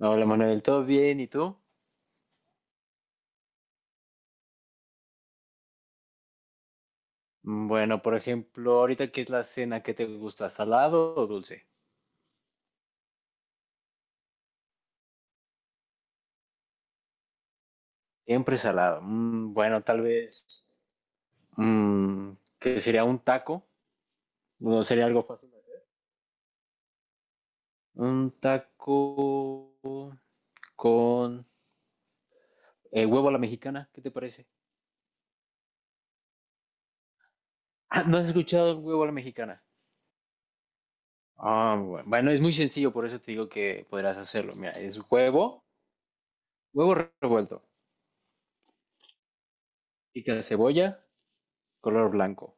Hola Manuel, ¿todo bien? ¿Y tú? Bueno, por ejemplo, ahorita qué es la cena que te gusta, ¿salado o dulce? Siempre salado. Bueno, tal vez mm, que sería un taco, no sería algo fácil de hacer. Un taco con huevo a la mexicana, ¿qué te parece? Ah, ¿no has escuchado el huevo a la mexicana? Ah, bueno, es muy sencillo, por eso te digo que podrás hacerlo. Mira, es huevo, huevo revuelto, pica cebolla, color blanco,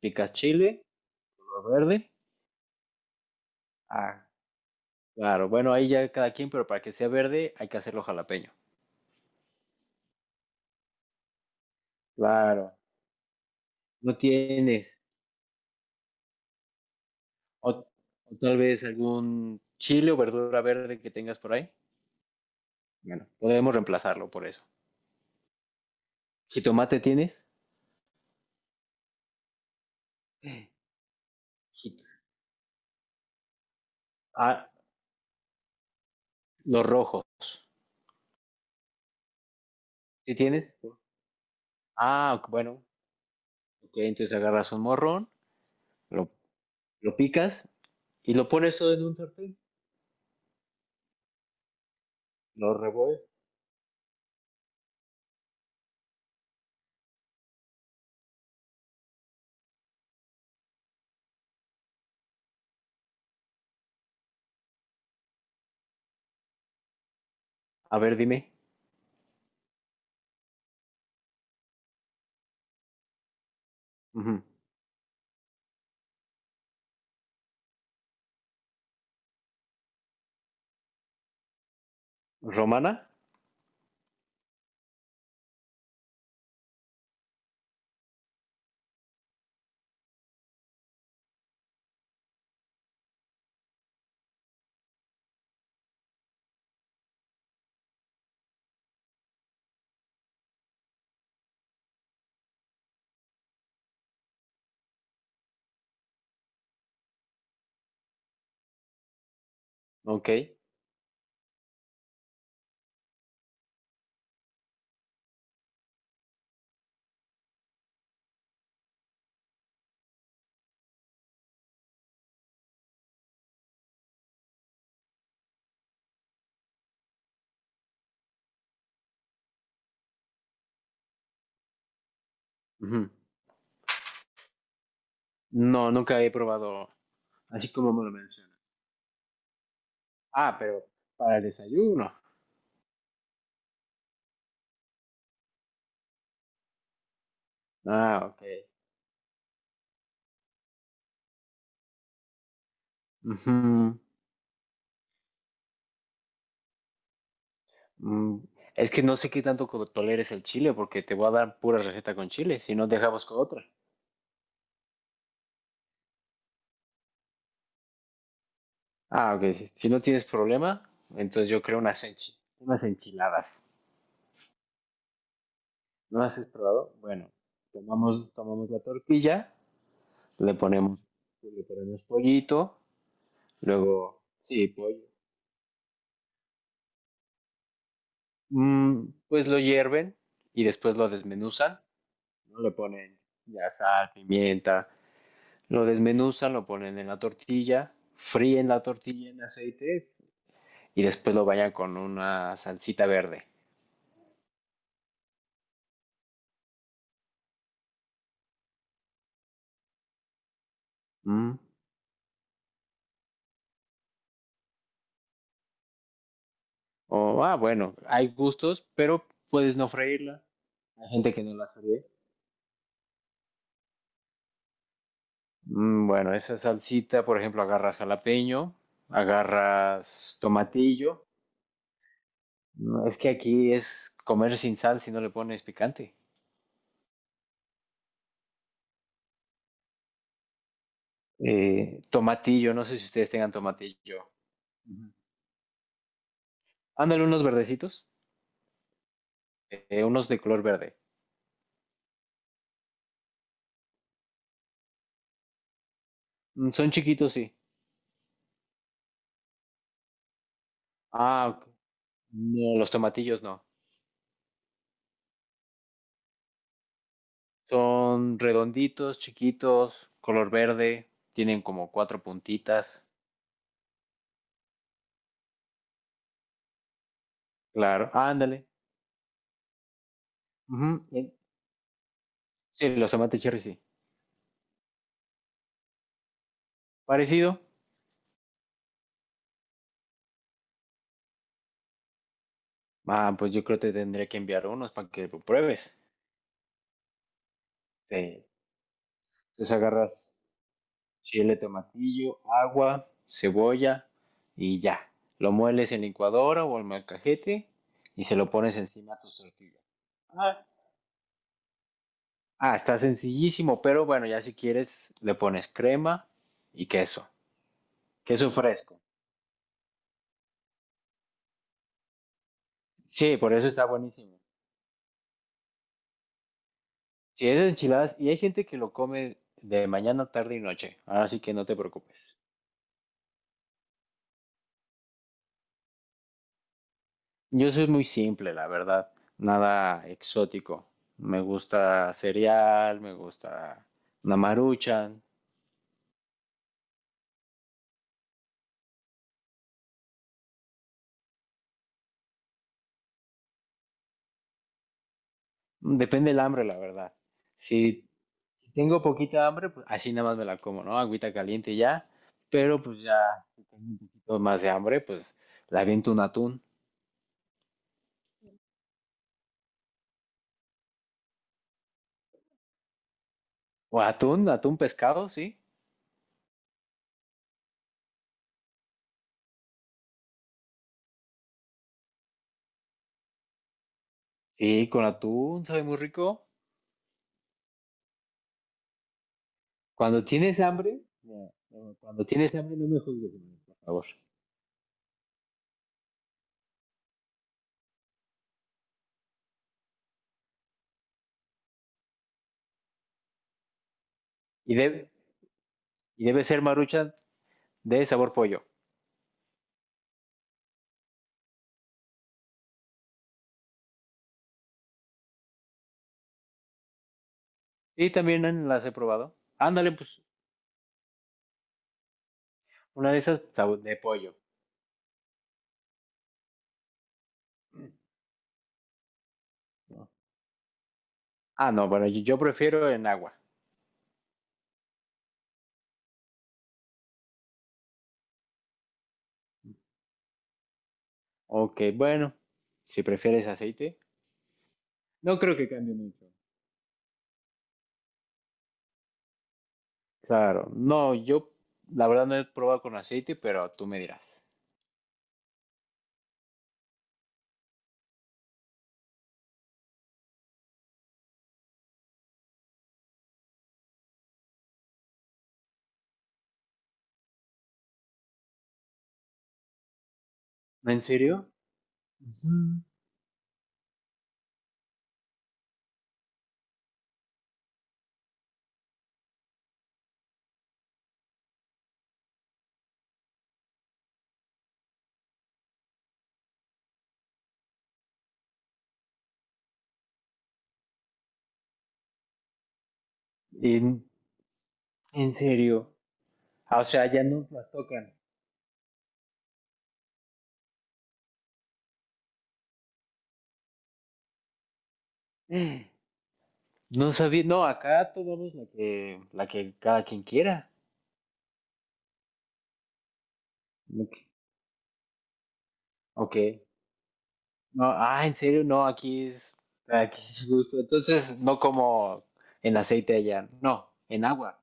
pica chile, color verde. Ah, claro, bueno, ahí ya cada quien, pero para que sea verde hay que hacerlo jalapeño. Claro. No tienes. O, tal vez algún chile o verdura verde que tengas por ahí. Bueno, podemos reemplazarlo por eso. ¿Jitomate tienes? Jit- Ah, los rojos. ¿Sí tienes? Ah, ok, bueno. Ok, entonces agarras un morrón, lo, lo picas y lo pones todo en un sartén. Lo revuelves. A ver, dime. Ujú. ¿Romana? Ok. Ujú. No, nunca he probado así como me lo menciona. Ah, pero para el desayuno. Ah, ok. Ujú. Mm, Es que no sé qué tanto toleres el chile porque te voy a dar pura receta con chile, si no dejamos con otra. Ah, ok. Si no tienes problema, entonces yo creo unas, unas enchiladas. ¿No las has probado? Bueno, tomamos la tortilla, le ponemos, le ponemos pollito, luego, sí, pollo. Pues lo hierven y después lo desmenuzan, ¿no? Le ponen ya sal, pimienta, lo desmenuzan, lo ponen en la tortilla, fríen la tortilla en aceite y después lo vayan con una salsita verde. ¿Mm? O, ah, bueno, hay gustos, pero puedes no freírla. Hay gente que no la fríe. Bueno, esa salsita, por ejemplo, agarras jalapeño, agarras tomatillo. No, es que aquí es comer sin sal si no le pones picante. Tomatillo, no sé si ustedes tengan tomatillo. Ujú. Ándale, unos verdecitos, unos de color verde. Son chiquitos, sí. Ah, ok. No, los tomatillos no. Son redonditos, chiquitos, color verde, tienen como cuatro puntitas. Claro, ándale. Ujú, sí, los tomates cherry, sí. Parecido. Ah, pues yo creo que te tendría que enviar unos para que lo pruebes. Sí. Entonces agarras chile, tomatillo, agua, cebolla y ya. Lo mueles en licuadora o en molcajete y se lo pones encima a tus tortillas. Ah, ah, está sencillísimo, pero bueno, ya si quieres le pones crema y queso. Queso fresco. Sí, por eso está buenísimo. Si es enchiladas, y hay gente que lo come de mañana, tarde y noche, así que no te preocupes. Yo soy muy simple, la verdad. Nada exótico. Me gusta cereal, me gusta una maruchan. Depende del hambre, la verdad. Si tengo poquita hambre, pues así nada más me la como, ¿no? Agüita caliente y ya. Pero pues ya, si tengo un poquito más de hambre, pues la aviento un atún. O atún, atún pescado, sí. Sí, con atún, sabe muy rico. Cuando tienes hambre, no, no, cuando tienes hambre no me juzgues, por favor. Y debe, y debe ser marucha de sabor pollo. Y también las he probado. Ándale, pues una de esas de pollo. ¿No? Ah, no, bueno, yo prefiero en agua. Ok, bueno, si prefieres aceite, no creo que cambie mucho. Claro, no, yo la verdad no he probado con aceite, pero tú me dirás. ¿En serio? Ujú. En, en serio. Ah, o sea, ya no las tocan. Mm. No sabía, no, acá tomamos la que cada quien quiera. Ok. Ok. No, ah, en serio, no, aquí es gusto. Entonces, no como en aceite allá, no, en agua.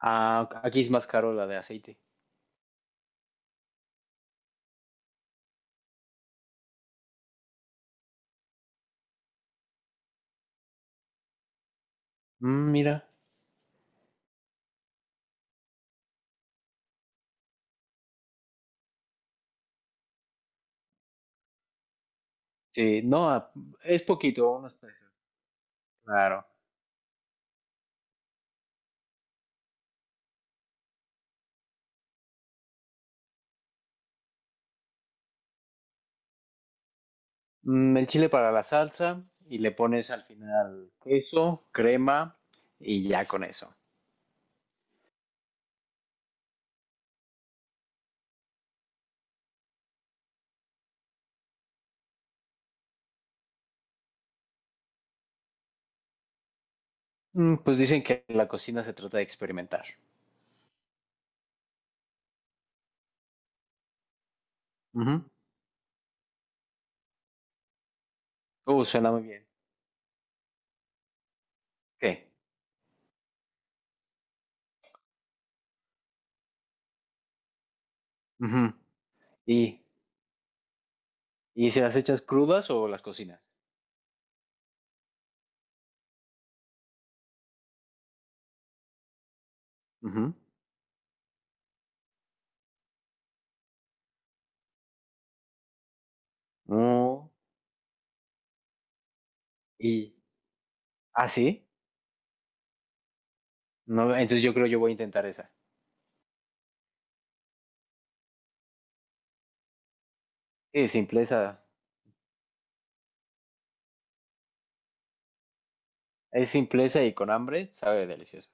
Ah, ok, aquí es más caro la de aceite. Mm, mira, sí, no, ah, es poquito, unos pesos, claro. Mm, el chile para la salsa y le pones al final queso, crema y ya con eso. Mm, pues dicen que la cocina se trata de experimentar. Ujú. Suena muy bien. ¿Qué? Ujú. ¿Y, y se las echas crudas o las cocinas? Ujú. No, y así, no, entonces yo creo yo voy a intentar esa. Es simpleza, es simpleza y con hambre sabe delicioso.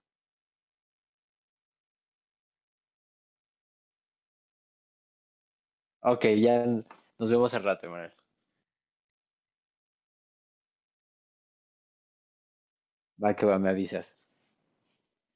Ok, ya nos vemos al rato, Manuel. Va que va, me avisas.